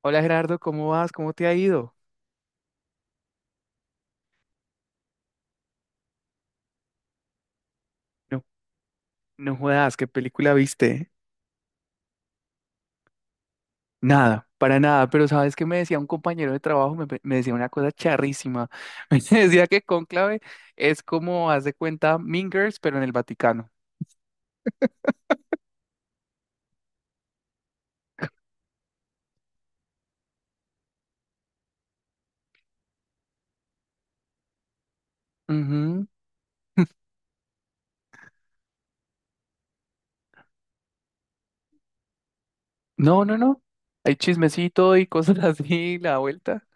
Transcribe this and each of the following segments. Hola Gerardo, ¿cómo vas? ¿Cómo te ha ido? No, no jodas, ¿qué película viste? Nada, para nada, pero ¿sabes qué me decía un compañero de trabajo? Me decía una cosa charrísima. Me decía que Cónclave es como, haz de cuenta, Mean Girls, pero en el Vaticano. Ujú. No, no, no. Hay chismecito y cosas así, la vuelta.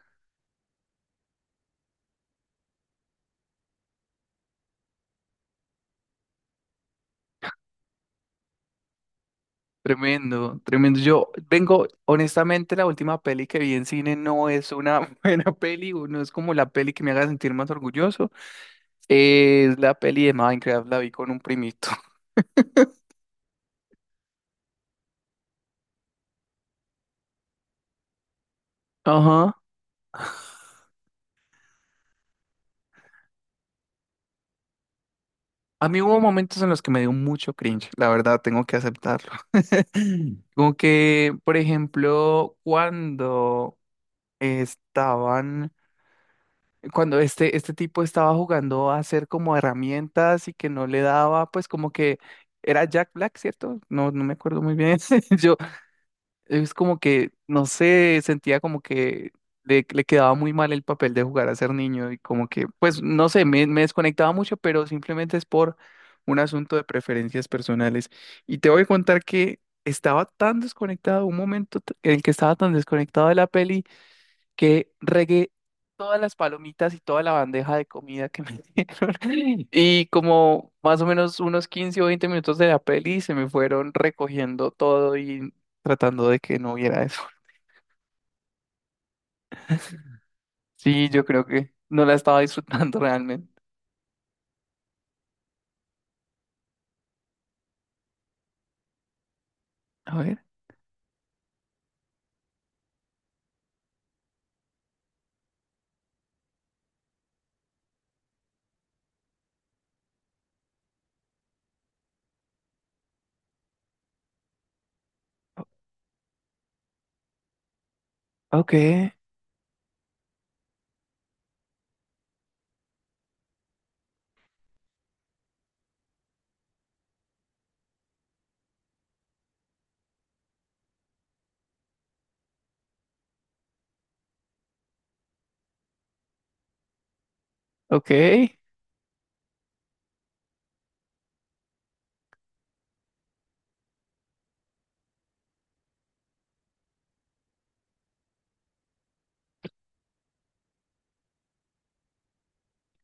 Tremendo, tremendo. Yo vengo, honestamente, la última peli que vi en cine no es una buena peli, o no es como la peli que me haga sentir más orgulloso. Es la peli de Minecraft, la vi con un primito. Ajá. A mí hubo momentos en los que me dio mucho cringe, la verdad, tengo que aceptarlo. Como que, por ejemplo, cuando estaban, cuando este tipo estaba jugando a hacer como herramientas y que no le daba, pues como que era Jack Black, ¿cierto? No, no me acuerdo muy bien. Yo es como que, no sé, sentía como que le quedaba muy mal el papel de jugar a ser niño y como que, pues, no sé, me desconectaba mucho, pero simplemente es por un asunto de preferencias personales. Y te voy a contar que estaba tan desconectado, en el que estaba tan desconectado de la peli que regué todas las palomitas y toda la bandeja de comida que me dieron. Y como más o menos unos 15 o 20 minutos de la peli se me fueron recogiendo todo y tratando de que no hubiera eso. Sí, yo creo que no la estaba disfrutando realmente. A ver, o- ok, ok.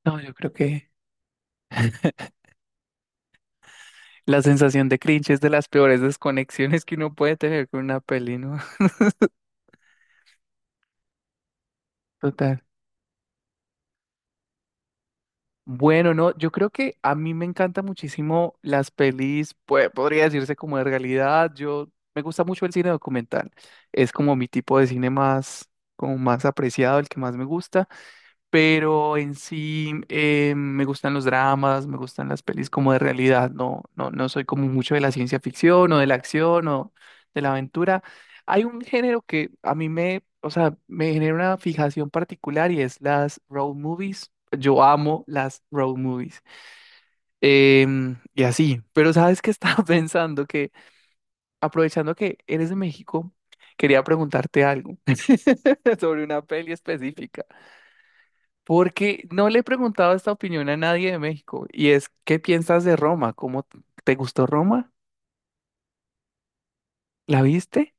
No, yo creo que la sensación de cringe es de las peores desconexiones que uno puede tener con una peli, ¿no? Total. Bueno, no, yo creo que a mí me encantan muchísimo las pelis, pues, podría decirse como de realidad. Yo, me gusta mucho el cine documental. Es como mi tipo de cine más, como más apreciado, el que más me gusta, pero en sí me gustan los dramas, me gustan las pelis como de realidad, no soy como mucho de la ciencia ficción o de la acción o de la aventura. Hay un género que a mí me, o sea, me genera una fijación particular y es las road movies. Yo amo las road movies. Y así, pero sabes que estaba pensando que, aprovechando que eres de México, quería preguntarte algo sobre una peli específica. Porque no le he preguntado esta opinión a nadie de México. Y es, ¿qué piensas de Roma? ¿Te gustó Roma? ¿La viste?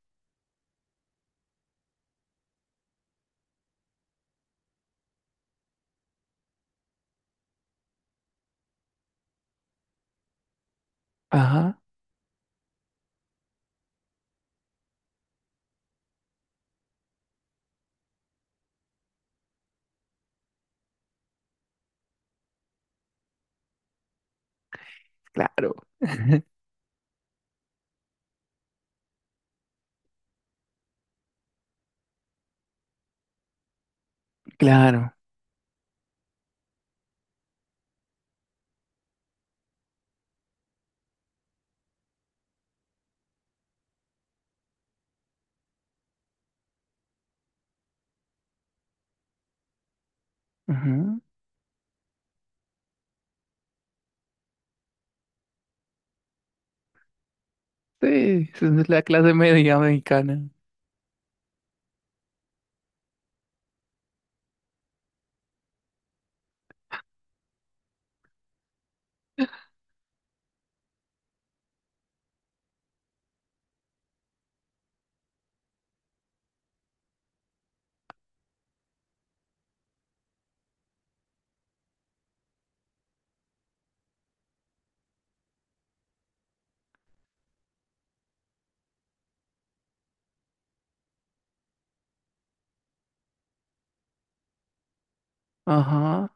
Ajá, claro. Claro. Ajá. Sí, esa es la clase media mexicana. Ajá,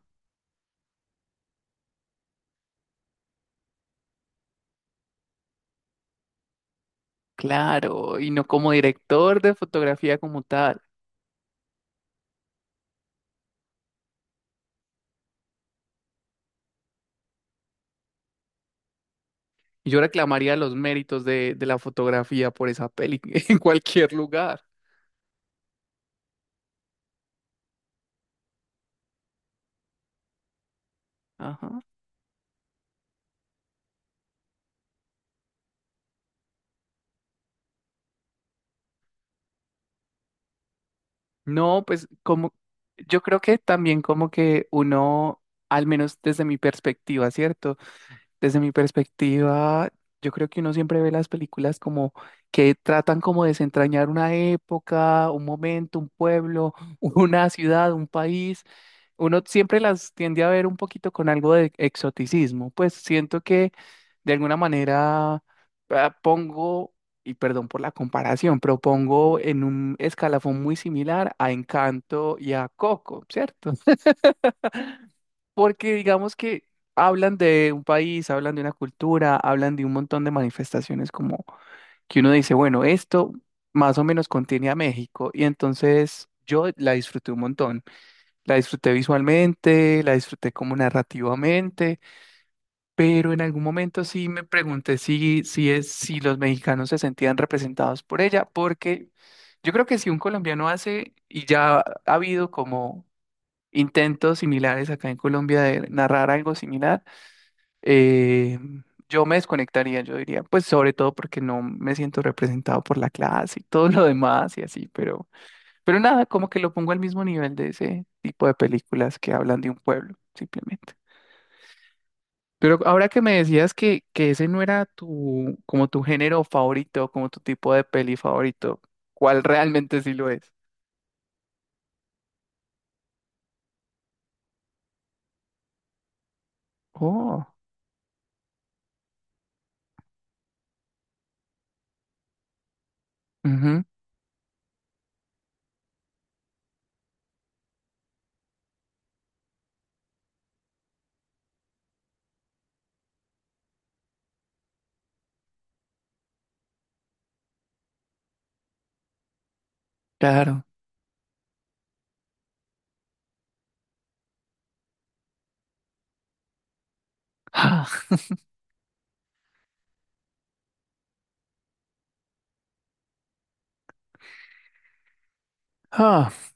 claro. Y no como director de fotografía como tal. Y yo reclamaría los méritos de la fotografía por esa peli en cualquier lugar. Ajá. No, pues como yo creo que también como que uno, al menos desde mi perspectiva, ¿cierto? Desde mi perspectiva, yo creo que uno siempre ve las películas como que tratan como de desentrañar una época, un momento, un pueblo, una ciudad, un país. Uno siempre las tiende a ver un poquito con algo de exoticismo, pues siento que de alguna manera ah, pongo, y perdón por la comparación, pero pongo en un escalafón muy similar a Encanto y a Coco, ¿cierto? Porque digamos que hablan de un país, hablan de una cultura, hablan de un montón de manifestaciones como que uno dice, bueno, esto más o menos contiene a México, y entonces yo la disfruté un montón. La disfruté visualmente, la disfruté como narrativamente, pero en algún momento sí me pregunté si los mexicanos se sentían representados por ella, porque yo creo que si un colombiano hace, y ya ha habido como intentos similares acá en Colombia de narrar algo similar, eh, yo me desconectaría, yo diría, pues sobre todo porque no me siento representado por la clase y todo lo demás y así, pero... Pero nada, como que lo pongo al mismo nivel de ese tipo de películas que hablan de un pueblo, simplemente. Pero ahora que me decías que ese no era tu, como tu género favorito, como tu tipo de peli favorito, ¿cuál realmente sí lo es? Oh, ujú, claro. Ah, ah.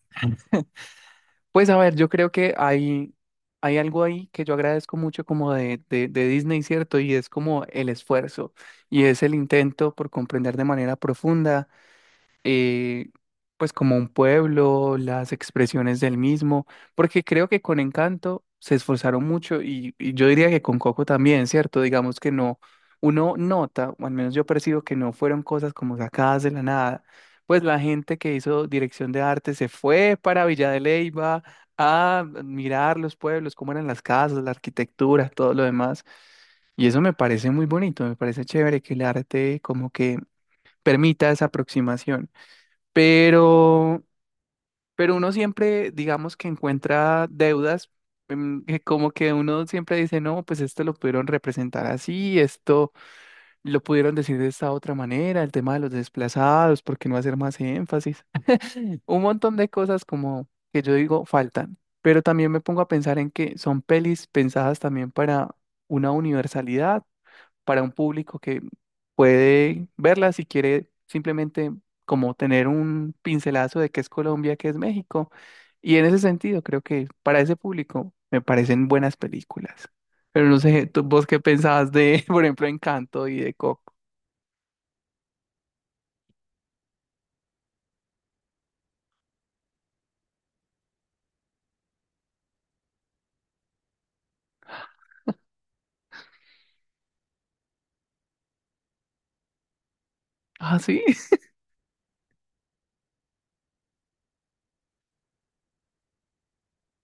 Pues a ver, yo creo que hay algo ahí que yo agradezco mucho como de Disney, ¿cierto? Y es como el esfuerzo y es el intento por comprender de manera profunda eh, pues como un pueblo, las expresiones del mismo, porque creo que con Encanto se esforzaron mucho y yo diría que con Coco también, ¿cierto? Digamos que no, uno nota, o al menos yo percibo que no fueron cosas como sacadas de la nada. Pues la gente que hizo dirección de arte se fue para Villa de Leyva a mirar los pueblos, cómo eran las casas, la arquitectura, todo lo demás. Y eso me parece muy bonito, me parece chévere que el arte como que permita esa aproximación. Pero, pero uno siempre, digamos que encuentra deudas, que como que uno siempre dice, no, pues esto lo pudieron representar así, esto lo pudieron decir de esta otra manera, el tema de los desplazados, ¿por qué no hacer más énfasis? Un montón de cosas como que yo digo faltan, pero también me pongo a pensar en que son pelis pensadas también para una universalidad, para un público puede verla si quiere simplemente como tener un pincelazo de qué es Colombia, qué es México. Y en ese sentido, creo que para ese público me parecen buenas películas. Pero no sé, ¿tú, vos qué pensabas de, por ejemplo, Encanto y de Coco? Ah, sí.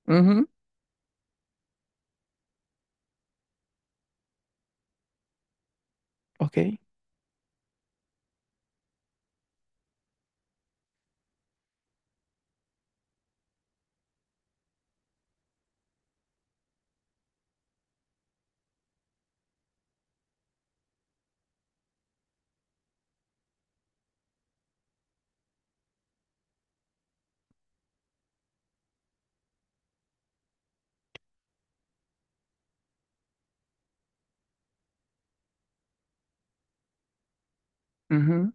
Ujú, ok, ujú.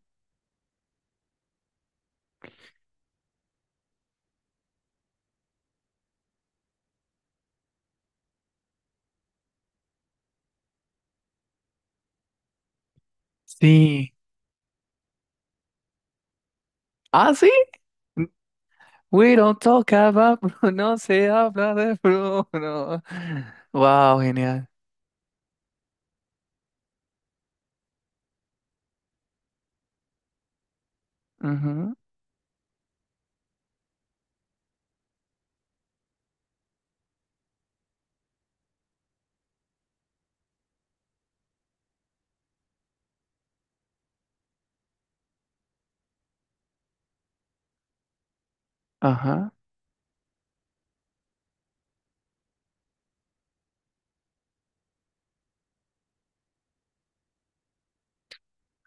Sí. Ah, sí. N- We don't talk about Bruno, no se habla de Bruno. Wow, genial. Ujú, ajá,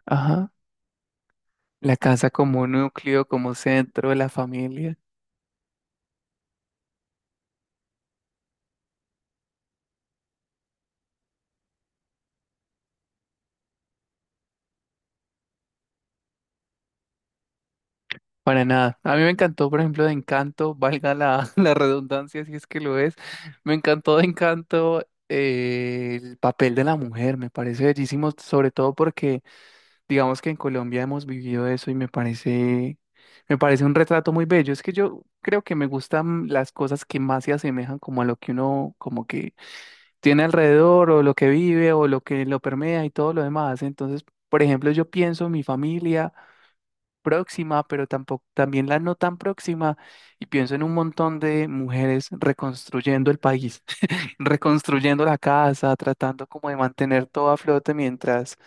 ajá. La casa como núcleo, como centro de la familia, para nada. A mí me encantó, por ejemplo, de Encanto, valga la, la redundancia si es que lo es. Me encantó de Encanto el papel de la mujer, me parece bellísimo, sobre todo porque digamos que en Colombia hemos vivido eso y me parece un retrato muy bello. Es que yo creo que me gustan las cosas que más se asemejan como a lo que uno como que tiene alrededor o lo que vive o lo que lo permea y todo lo demás. Entonces, por ejemplo, yo pienso en mi familia próxima, pero tampoco también la no tan próxima y pienso en un montón de mujeres reconstruyendo el país, reconstruyendo la casa, tratando como de mantener todo a flote mientras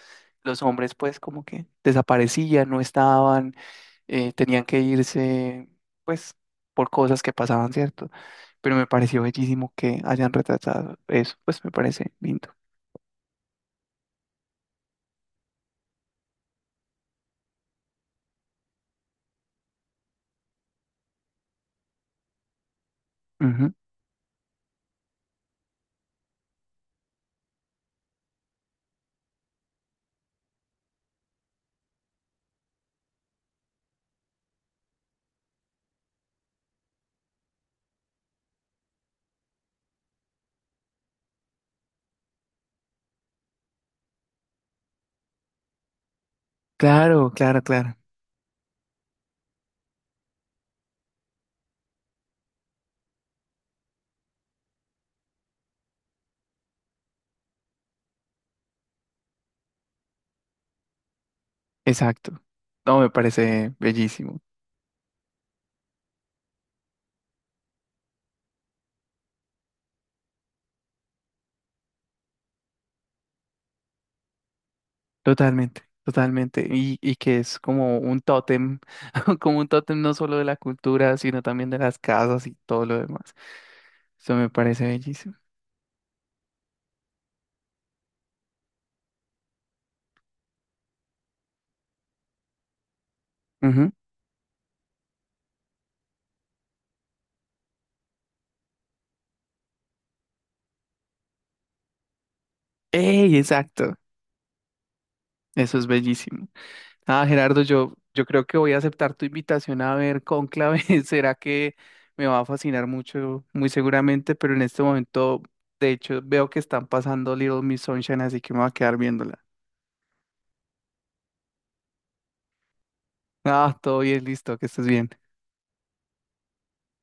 los hombres pues como que desaparecían, no estaban, tenían que irse pues por cosas que pasaban, ¿cierto? Pero me pareció bellísimo que hayan retratado eso, pues me parece lindo. Ujú. Claro, claro, claro, exacto. No, me parece bellísimo. Totalmente, totalmente. Y que es como un tótem, como un tótem no solo de la cultura, sino también de las casas y todo lo demás. Eso me parece bellísimo. Ujú. ¡Ey! Exacto. Eso es bellísimo. Ah, Gerardo, yo creo que voy a aceptar tu invitación a ver Cónclave. Será que me va a fascinar mucho, muy seguramente, pero en este momento, de hecho, veo que están pasando Little Miss Sunshine, así que me voy a quedar viéndola. Ah, todo bien, listo, que estés bien.